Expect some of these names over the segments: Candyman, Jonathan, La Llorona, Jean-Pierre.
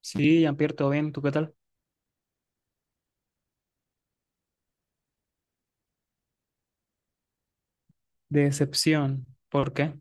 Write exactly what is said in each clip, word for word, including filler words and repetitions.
Sí, Jean-Pierre, todo bien, ¿tú qué tal? Decepción, ¿por qué?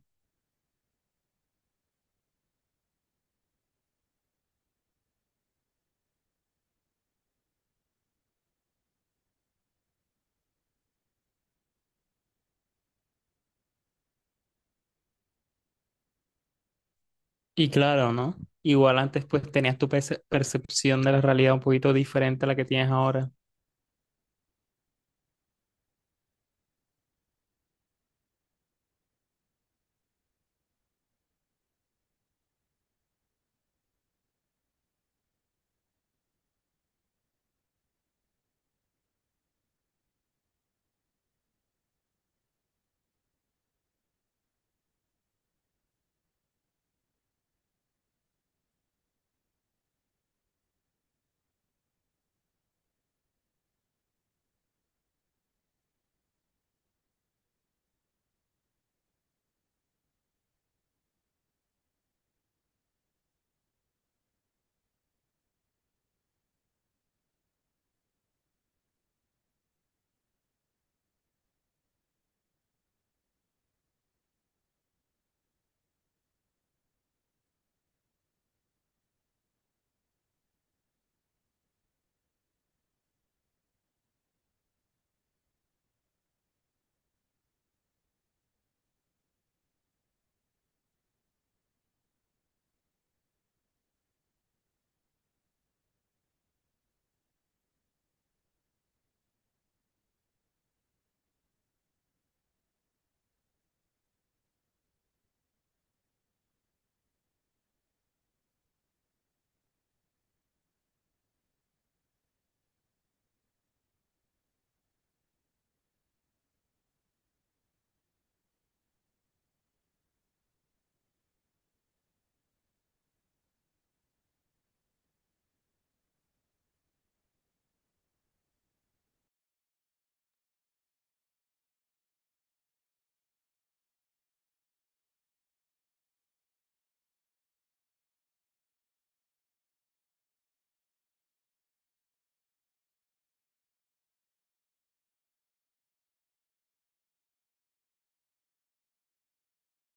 Y claro, ¿no? Igual antes pues tenías tu perce- percepción de la realidad un poquito diferente a la que tienes ahora.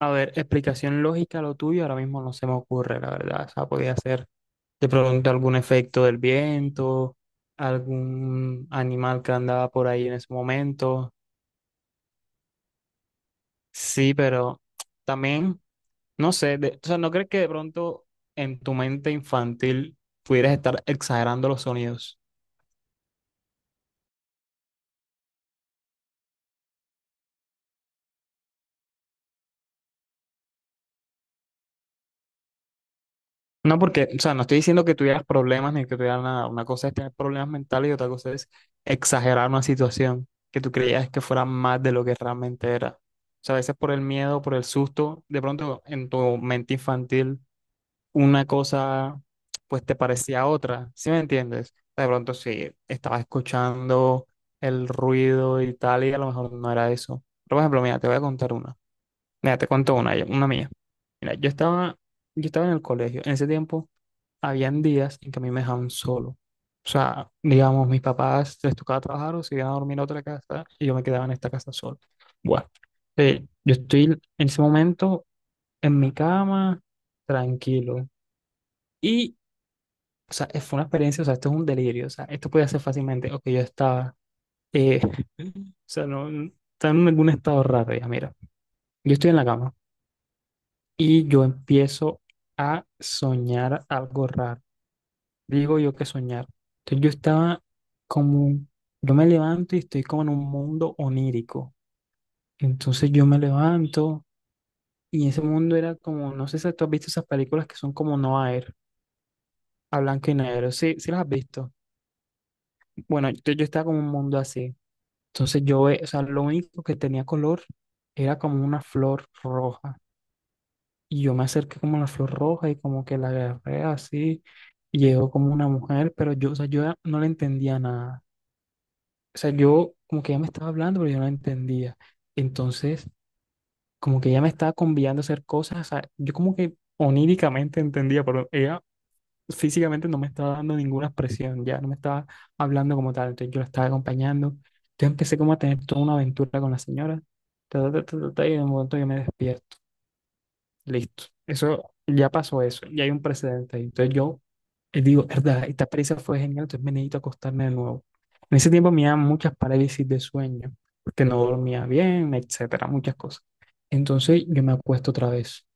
A ver, explicación lógica a lo tuyo ahora mismo no se me ocurre, la verdad. O sea, podía ser de pronto algún efecto del viento, algún animal que andaba por ahí en ese momento. Sí, pero también... No sé, de- o sea, ¿no crees que de pronto en tu mente infantil pudieras estar exagerando los sonidos? No, porque, o sea, no estoy diciendo que tuvieras problemas ni que tuvieras nada. Una cosa es tener problemas mentales y otra cosa es exagerar una situación que tú creías que fuera más de lo que realmente era. O sea, a veces por el miedo, por el susto, de pronto en tu mente infantil una cosa pues te parecía otra, ¿sí me entiendes? O sea, de pronto sí, estabas escuchando el ruido y tal y a lo mejor no era eso. Pero, por ejemplo, mira, te voy a contar una. Mira, te cuento una, una mía. Mira, yo estaba, yo estaba en el colegio. En ese tiempo habían días en que a mí me dejaban solo. O sea, digamos, mis papás les tocaba trabajar o se iban a dormir a otra casa y yo me quedaba en esta casa solo. Bueno, eh, yo estoy en ese momento en mi cama, tranquilo. Y, o sea, fue una experiencia, o sea, esto es un delirio. O sea, esto podía ser fácilmente, o que yo estaba, eh, o sea, no, estaba en algún estado raro ya, mira. Yo estoy en la cama. Y yo empiezo a soñar algo raro. Digo yo que soñar. Entonces yo estaba como, yo me levanto y estoy como en un mundo onírico. Entonces yo me levanto y ese mundo era como, no sé si tú has visto esas películas que son como no Air, a blanco y negro. Sí, sí las has visto. Bueno, entonces yo estaba como en un mundo así. Entonces yo, ve- o sea, lo único que tenía color era como una flor roja. Y yo me acerqué como a la flor roja y como que la agarré así. Y llegó como una mujer, pero yo, o sea, yo no le entendía nada. O sea, yo como que ella me estaba hablando, pero yo no la entendía. Entonces, como que ella me estaba convidando a hacer cosas. O sea, yo como que oníricamente entendía, pero ella físicamente no me estaba dando ninguna expresión, ya no me estaba hablando como tal. Entonces yo la estaba acompañando. Entonces empecé como a tener toda una aventura con la señora. Ta, ta, ta, ta, ta, y en un momento yo me despierto. Listo. Eso ya pasó eso, ya hay un precedente ahí. Entonces yo eh, digo, verdad, esta experiencia fue genial, entonces me necesito acostarme de nuevo. En ese tiempo me daban muchas parálisis de sueño, porque no dormía bien, etcétera, muchas cosas. Entonces yo me acuesto otra vez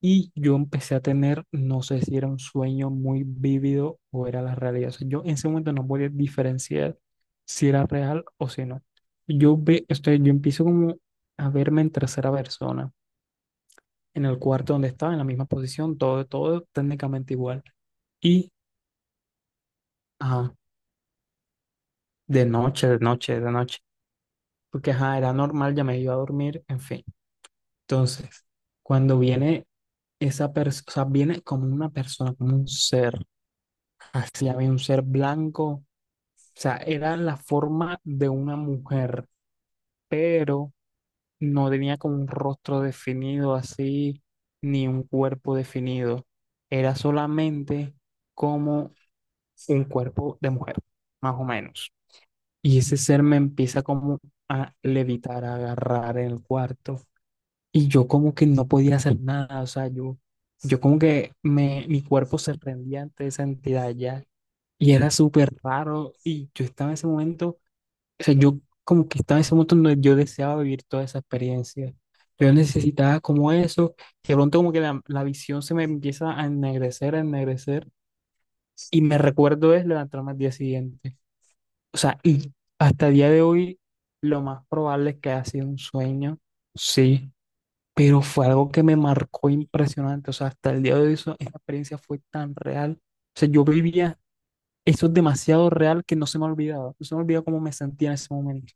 y yo empecé a tener, no sé si era un sueño muy vívido o era la realidad. O sea, yo en ese momento no podía diferenciar si era real o si no. Yo ve, estoy, yo empiezo como a verme en tercera persona en el cuarto donde estaba, en la misma posición, todo, todo técnicamente igual. Y, ajá, de noche, de noche, de noche, porque, ajá, era normal, ya me iba a dormir, en fin. Entonces, cuando viene esa persona, o sea, viene como una persona, como un ser, así había un ser blanco, o sea, era la forma de una mujer, pero no tenía como un rostro definido así, ni un cuerpo definido, era solamente como un cuerpo de mujer, más o menos. Y ese ser me empieza como a levitar, a agarrar en el cuarto. Y yo como que no podía hacer nada, o sea, yo, yo como que me, mi cuerpo se rendía ante esa entidad ya. Y era súper raro. Y yo estaba en ese momento, o sea, yo como que estaba en ese momento donde yo deseaba vivir toda esa experiencia. Yo necesitaba como eso. Y de pronto como que la, la visión se me empieza a ennegrecer, a ennegrecer. Y me recuerdo es levantarme al día siguiente. O sea, y hasta el día de hoy lo más probable es que haya sido un sueño, sí, pero fue algo que me marcó impresionante. O sea, hasta el día de hoy eso- esa experiencia fue tan real. O sea, yo vivía eso es demasiado real que no se me ha olvidado. No se me olvidó cómo me sentía en ese momento.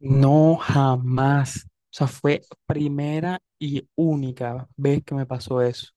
No jamás. O sea, fue primera y única vez que me pasó eso.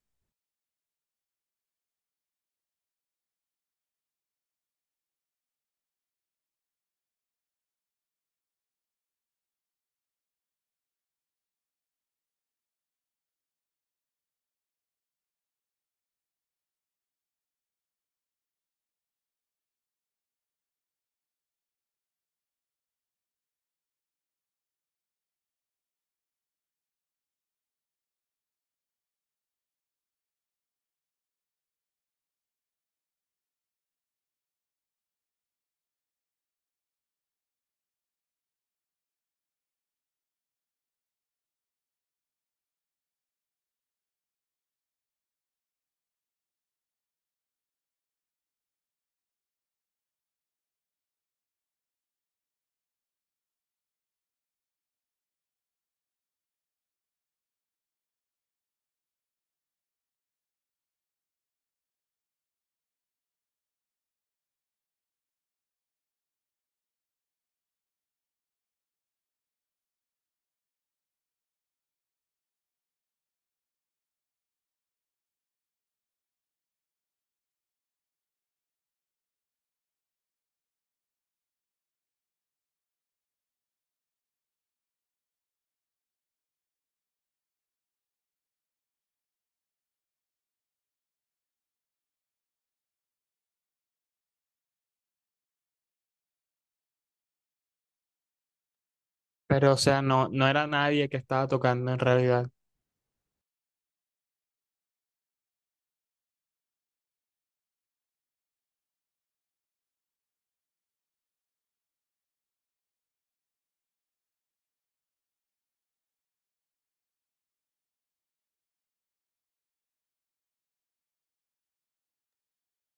Pero, o sea, no, no era nadie que estaba tocando en realidad.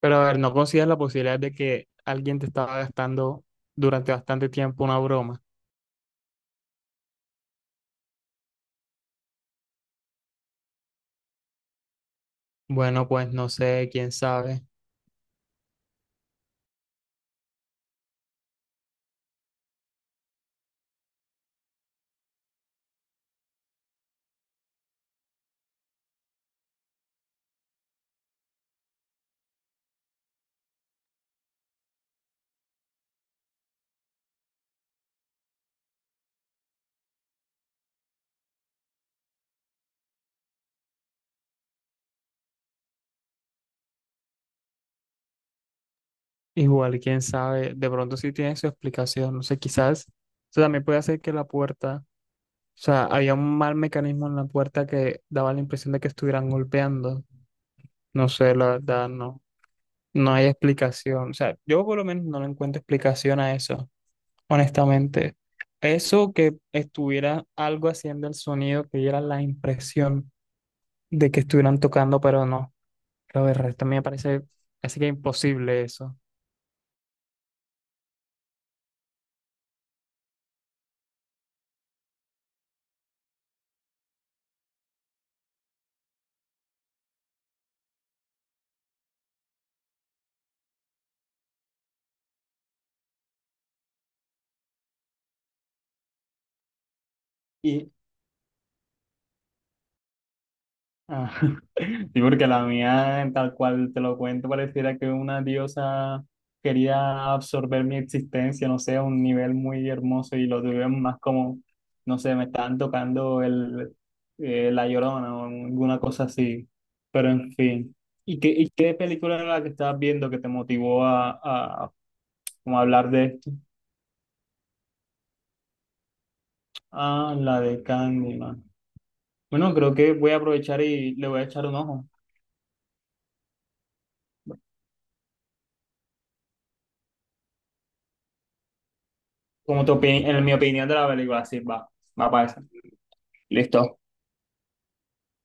Pero a ver, ¿no consideras la posibilidad de que alguien te estaba gastando durante bastante tiempo una broma? Bueno, pues no sé, quién sabe. Igual, quién sabe. De pronto sí tiene su explicación. No sé, quizás. Eso también puede hacer que la puerta, o sea, había un mal mecanismo en la puerta que daba la impresión de que estuvieran golpeando. No sé, la verdad, no. No hay explicación. O sea, yo por lo menos no le encuentro explicación a eso, honestamente. Eso que estuviera algo haciendo el sonido, que diera la impresión de que estuvieran tocando, pero no. Lo del resto me parece así que imposible eso. Y, ah, sí, porque la mía, tal cual te lo cuento, pareciera que una diosa quería absorber mi existencia, no sé, a un nivel muy hermoso y lo tuve más como, no sé, me estaban tocando el, eh, La Llorona o alguna cosa así. Pero en fin. ¿Y qué, y qué película era la que estabas viendo que te motivó a, a, como a hablar de esto? Ah, la de Candyman. Bueno, creo que voy a aprovechar y le voy a echar un ojo. Como tu opini- en mi opinión de la película, sí, va, va para eso. Listo.